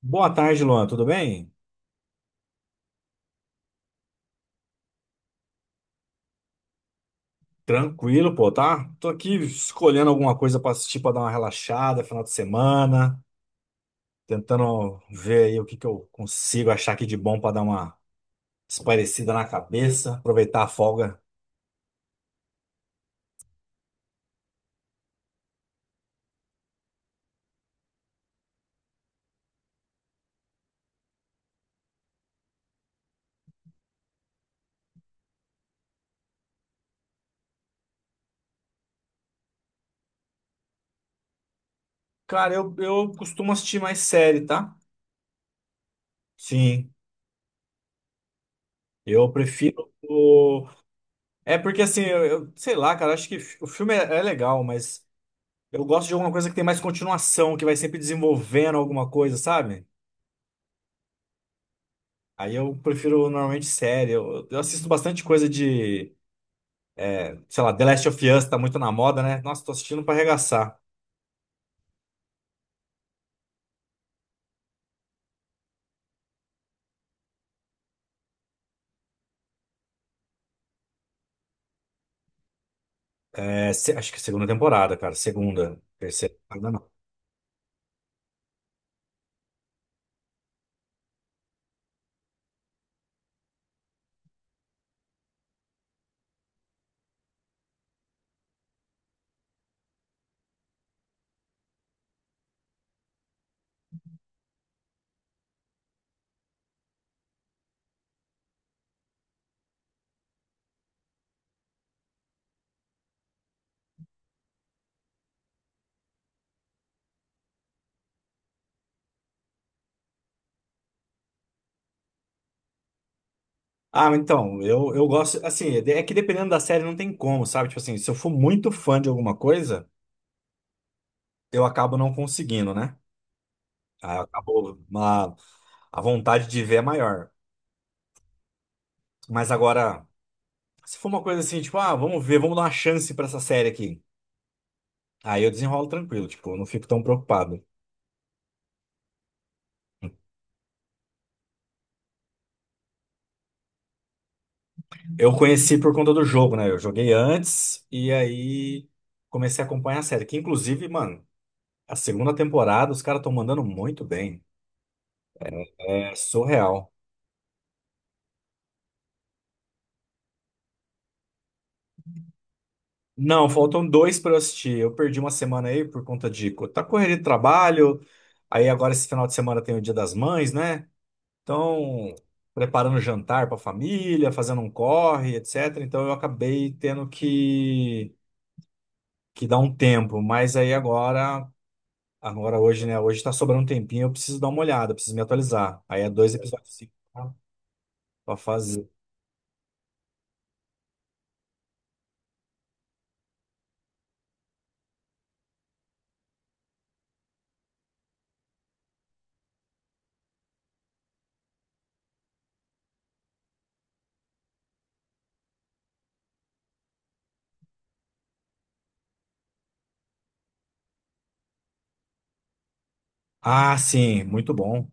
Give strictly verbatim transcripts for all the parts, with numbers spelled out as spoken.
Boa tarde, Luan. Tudo bem? Tranquilo, pô, tá? Tô aqui escolhendo alguma coisa pra assistir pra dar uma relaxada, final de semana, tentando ver aí o que que eu consigo achar aqui de bom pra dar uma espairecida na cabeça, aproveitar a folga. Cara, eu, eu costumo assistir mais série, tá? Sim, eu prefiro o... É porque assim, eu, eu- sei lá, cara, acho que fi- o filme é, é legal, mas eu gosto de alguma coisa que tem mais continuação, que vai sempre desenvolvendo alguma coisa, sabe? Aí eu prefiro normalmente série. Eu, eu assisto bastante coisa de, é, sei lá, The Last of Us tá muito na moda, né? Nossa, tô assistindo pra arregaçar. É, se- acho que é a segunda temporada, cara. Segunda, terceira. Ainda não. Ah, mas então, eu, eu gosto, assim, é que dependendo da série não tem como, sabe? Tipo assim, se eu for muito fã de alguma coisa, eu acabo não conseguindo, né? Aí acabou uma, a vontade de ver é maior. Mas agora, se for uma coisa assim, tipo, ah, vamos ver, vamos dar uma chance pra essa série aqui. Aí eu desenrolo tranquilo, tipo, eu não fico tão preocupado. Eu conheci por conta do jogo, né? Eu joguei antes e aí comecei a acompanhar a série. Que inclusive, mano, a segunda temporada os caras estão mandando muito bem. É surreal. Não, faltam dois pra eu assistir. Eu perdi uma semana aí por conta de co- tá correria de trabalho. Aí agora esse final de semana tem o Dia das Mães, né? Então, preparando jantar pra família, fazendo um corre, et cetera. Então eu acabei tendo que que dar um tempo, mas aí agora. Agora hoje, né? Hoje tá sobrando um tempinho, eu preciso dar uma olhada, preciso me atualizar. Aí é dois episódios cinco pra pra fazer. Ah, sim, muito bom.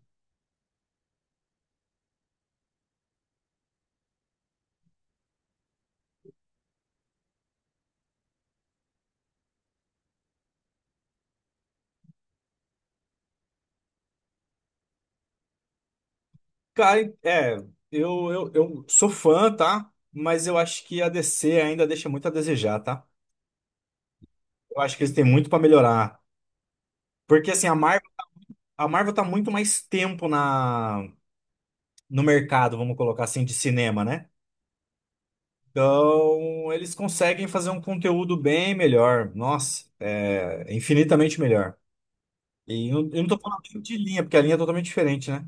Cara, é, eu, eu, eu sou fã, tá? Mas eu acho que a D C ainda deixa muito a desejar, tá? Eu acho que eles têm muito pra melhorar. Porque assim, a Marvel, a Marvel tá muito mais tempo na, no mercado, vamos colocar assim, de cinema, né? Então, eles conseguem fazer um conteúdo bem melhor. Nossa, é infinitamente melhor. E eu, eu não tô falando nem de linha, porque a linha é totalmente diferente, né?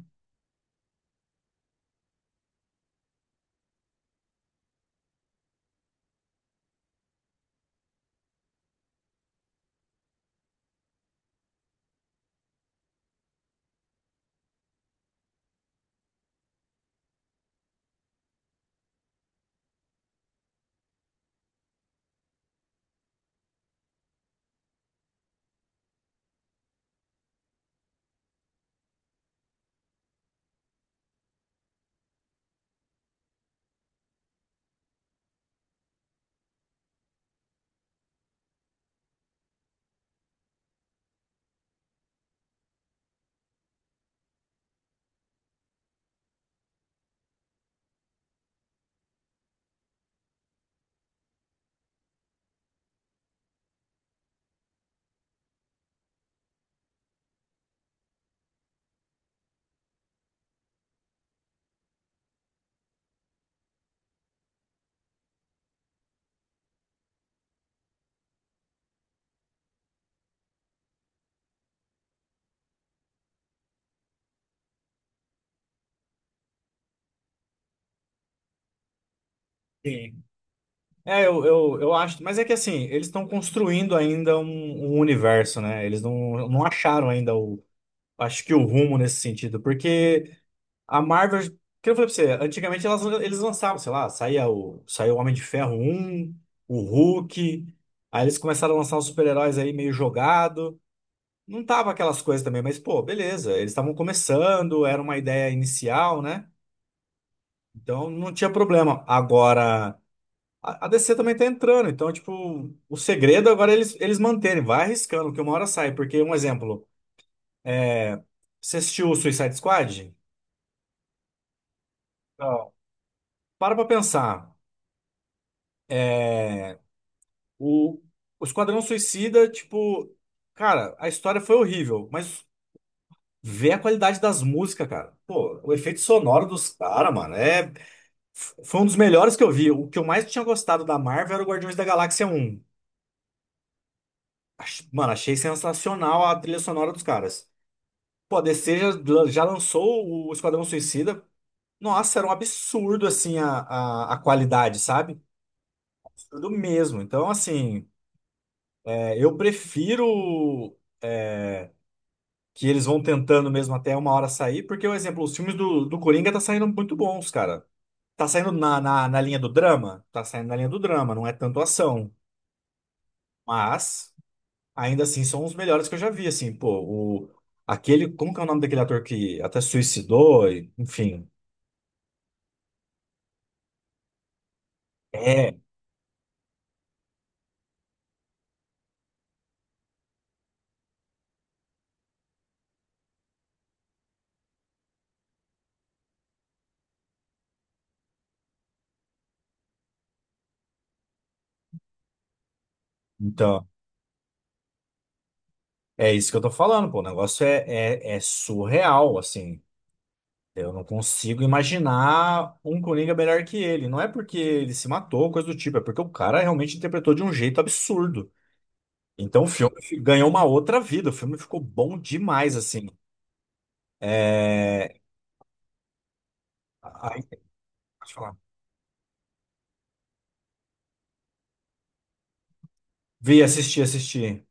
Sim. É, eu, eu, eu acho. Mas é que assim, eles estão construindo ainda um, um universo, né? Eles não, não acharam ainda o. Acho que o rumo nesse sentido. Porque a Marvel. Que eu falei pra você, antigamente elas, eles lançavam, sei lá, saía o, saía o Homem de Ferro um, o Hulk. Aí eles começaram a lançar os super-heróis aí meio jogado. Não tava aquelas coisas também, mas pô, beleza. Eles estavam começando, era uma ideia inicial, né? Então não tinha problema. Agora, a, a D C também tá entrando. Então, tipo, o segredo agora é eles, eles manterem. Vai arriscando, que uma hora sai. Porque, um exemplo, é, você assistiu o Suicide Squad? Não. Para pra pensar. É. O, o Esquadrão Suicida, tipo, cara, a história foi horrível, mas vê a qualidade das músicas, cara. Pô, o efeito sonoro dos caras, mano, é. f- Foi um dos melhores que eu vi. O que eu mais tinha gostado da Marvel era o Guardiões da Galáxia um. Ach- Mano, achei sensacional a trilha sonora dos caras. Pô, a D C já, já lançou o Esquadrão Suicida. Nossa, era um absurdo, assim, a, a, a qualidade, sabe? Absurdo mesmo. Então, assim, é, eu prefiro que eles vão tentando mesmo até uma hora sair, porque, por exemplo, os filmes do, do Coringa tá saindo muito bons, cara. Tá saindo na, na, na linha do drama? Tá saindo na linha do drama, não é tanto ação. Mas ainda assim são os melhores que eu já vi, assim, pô, o aquele, como que é o nome daquele ator que até suicidou, e- enfim. É, então, é isso que eu tô falando, pô, o negócio é, é, é surreal, assim. Eu não consigo imaginar um Coringa melhor que ele. Não é porque ele se matou, coisa do tipo, é porque o cara realmente interpretou de um jeito absurdo. Então o filme fi- ganhou uma outra vida, o filme ficou bom demais, assim. É... Aí, pode falar. Vi, assisti, assisti.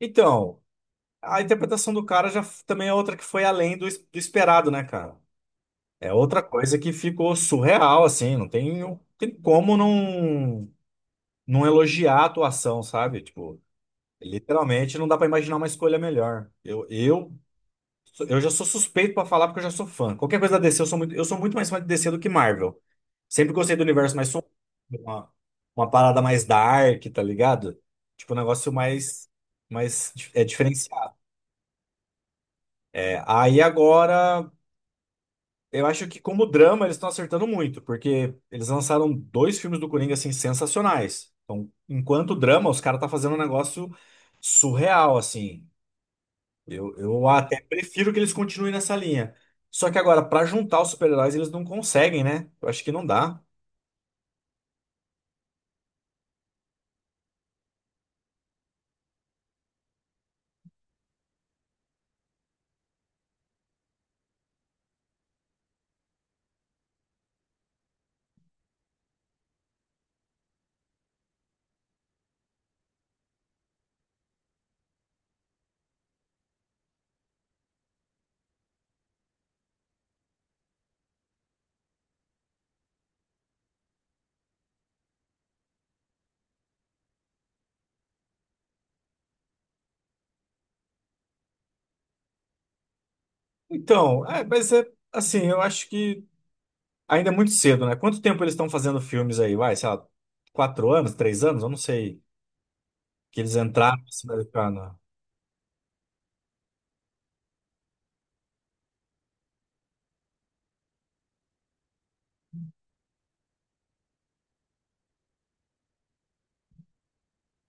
Então, a interpretação do cara já f- também é outra que foi além do, es- do esperado, né, cara? É outra coisa que ficou surreal, assim, não tem, não tem como não, não elogiar a atuação, sabe? Tipo, literalmente não dá pra imaginar uma escolha melhor. Eu, eu, sou- eu já sou suspeito pra falar porque eu já sou fã. Qualquer coisa da D C, eu sou muito, eu sou muito mais fã de D C do que Marvel. Sempre gostei do universo mais sombrio, uma, uma parada mais dark, tá ligado? Tipo, um negócio mais, mais dif- é, diferenciado. É, aí agora. Eu acho que como drama eles estão acertando muito, porque eles lançaram dois filmes do Coringa assim sensacionais. Então, enquanto drama, os caras tá fazendo um negócio surreal assim. Eu, eu até prefiro que eles continuem nessa linha. Só que agora pra juntar os super-heróis eles não conseguem, né? Eu acho que não dá. Então, é, mas é assim, eu acho que ainda é muito cedo, né? Quanto tempo eles estão fazendo filmes aí? Vai, sei lá, quatro anos, três anos, eu não sei que eles entraram nesse mercado.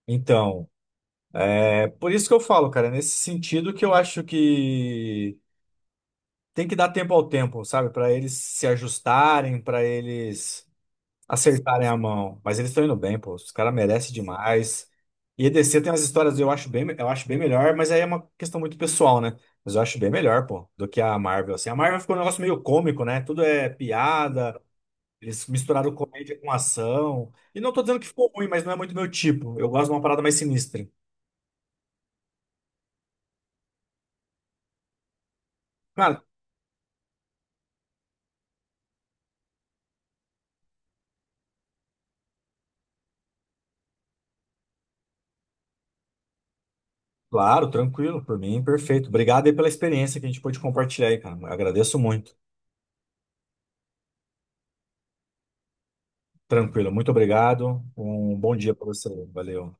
Então, por isso que eu falo, cara, é nesse sentido que eu acho que tem que dar tempo ao tempo, sabe? Pra eles se ajustarem, pra eles acertarem a mão. Mas eles estão indo bem, pô. Os caras merecem demais. E EDC tem umas histórias, eu acho bem, eu acho bem melhor, mas aí é uma questão muito pessoal, né? Mas eu acho bem melhor, pô, do que a Marvel. Assim, a Marvel ficou um negócio meio cômico, né? Tudo é piada, eles misturaram comédia com ação. E não tô dizendo que ficou ruim, mas não é muito meu tipo. Eu gosto de uma parada mais sinistra. Cara, claro, tranquilo, por mim, perfeito. Obrigado aí pela experiência que a gente pôde compartilhar aí, cara. Agradeço muito. Tranquilo, muito obrigado. Um bom dia para você. Valeu.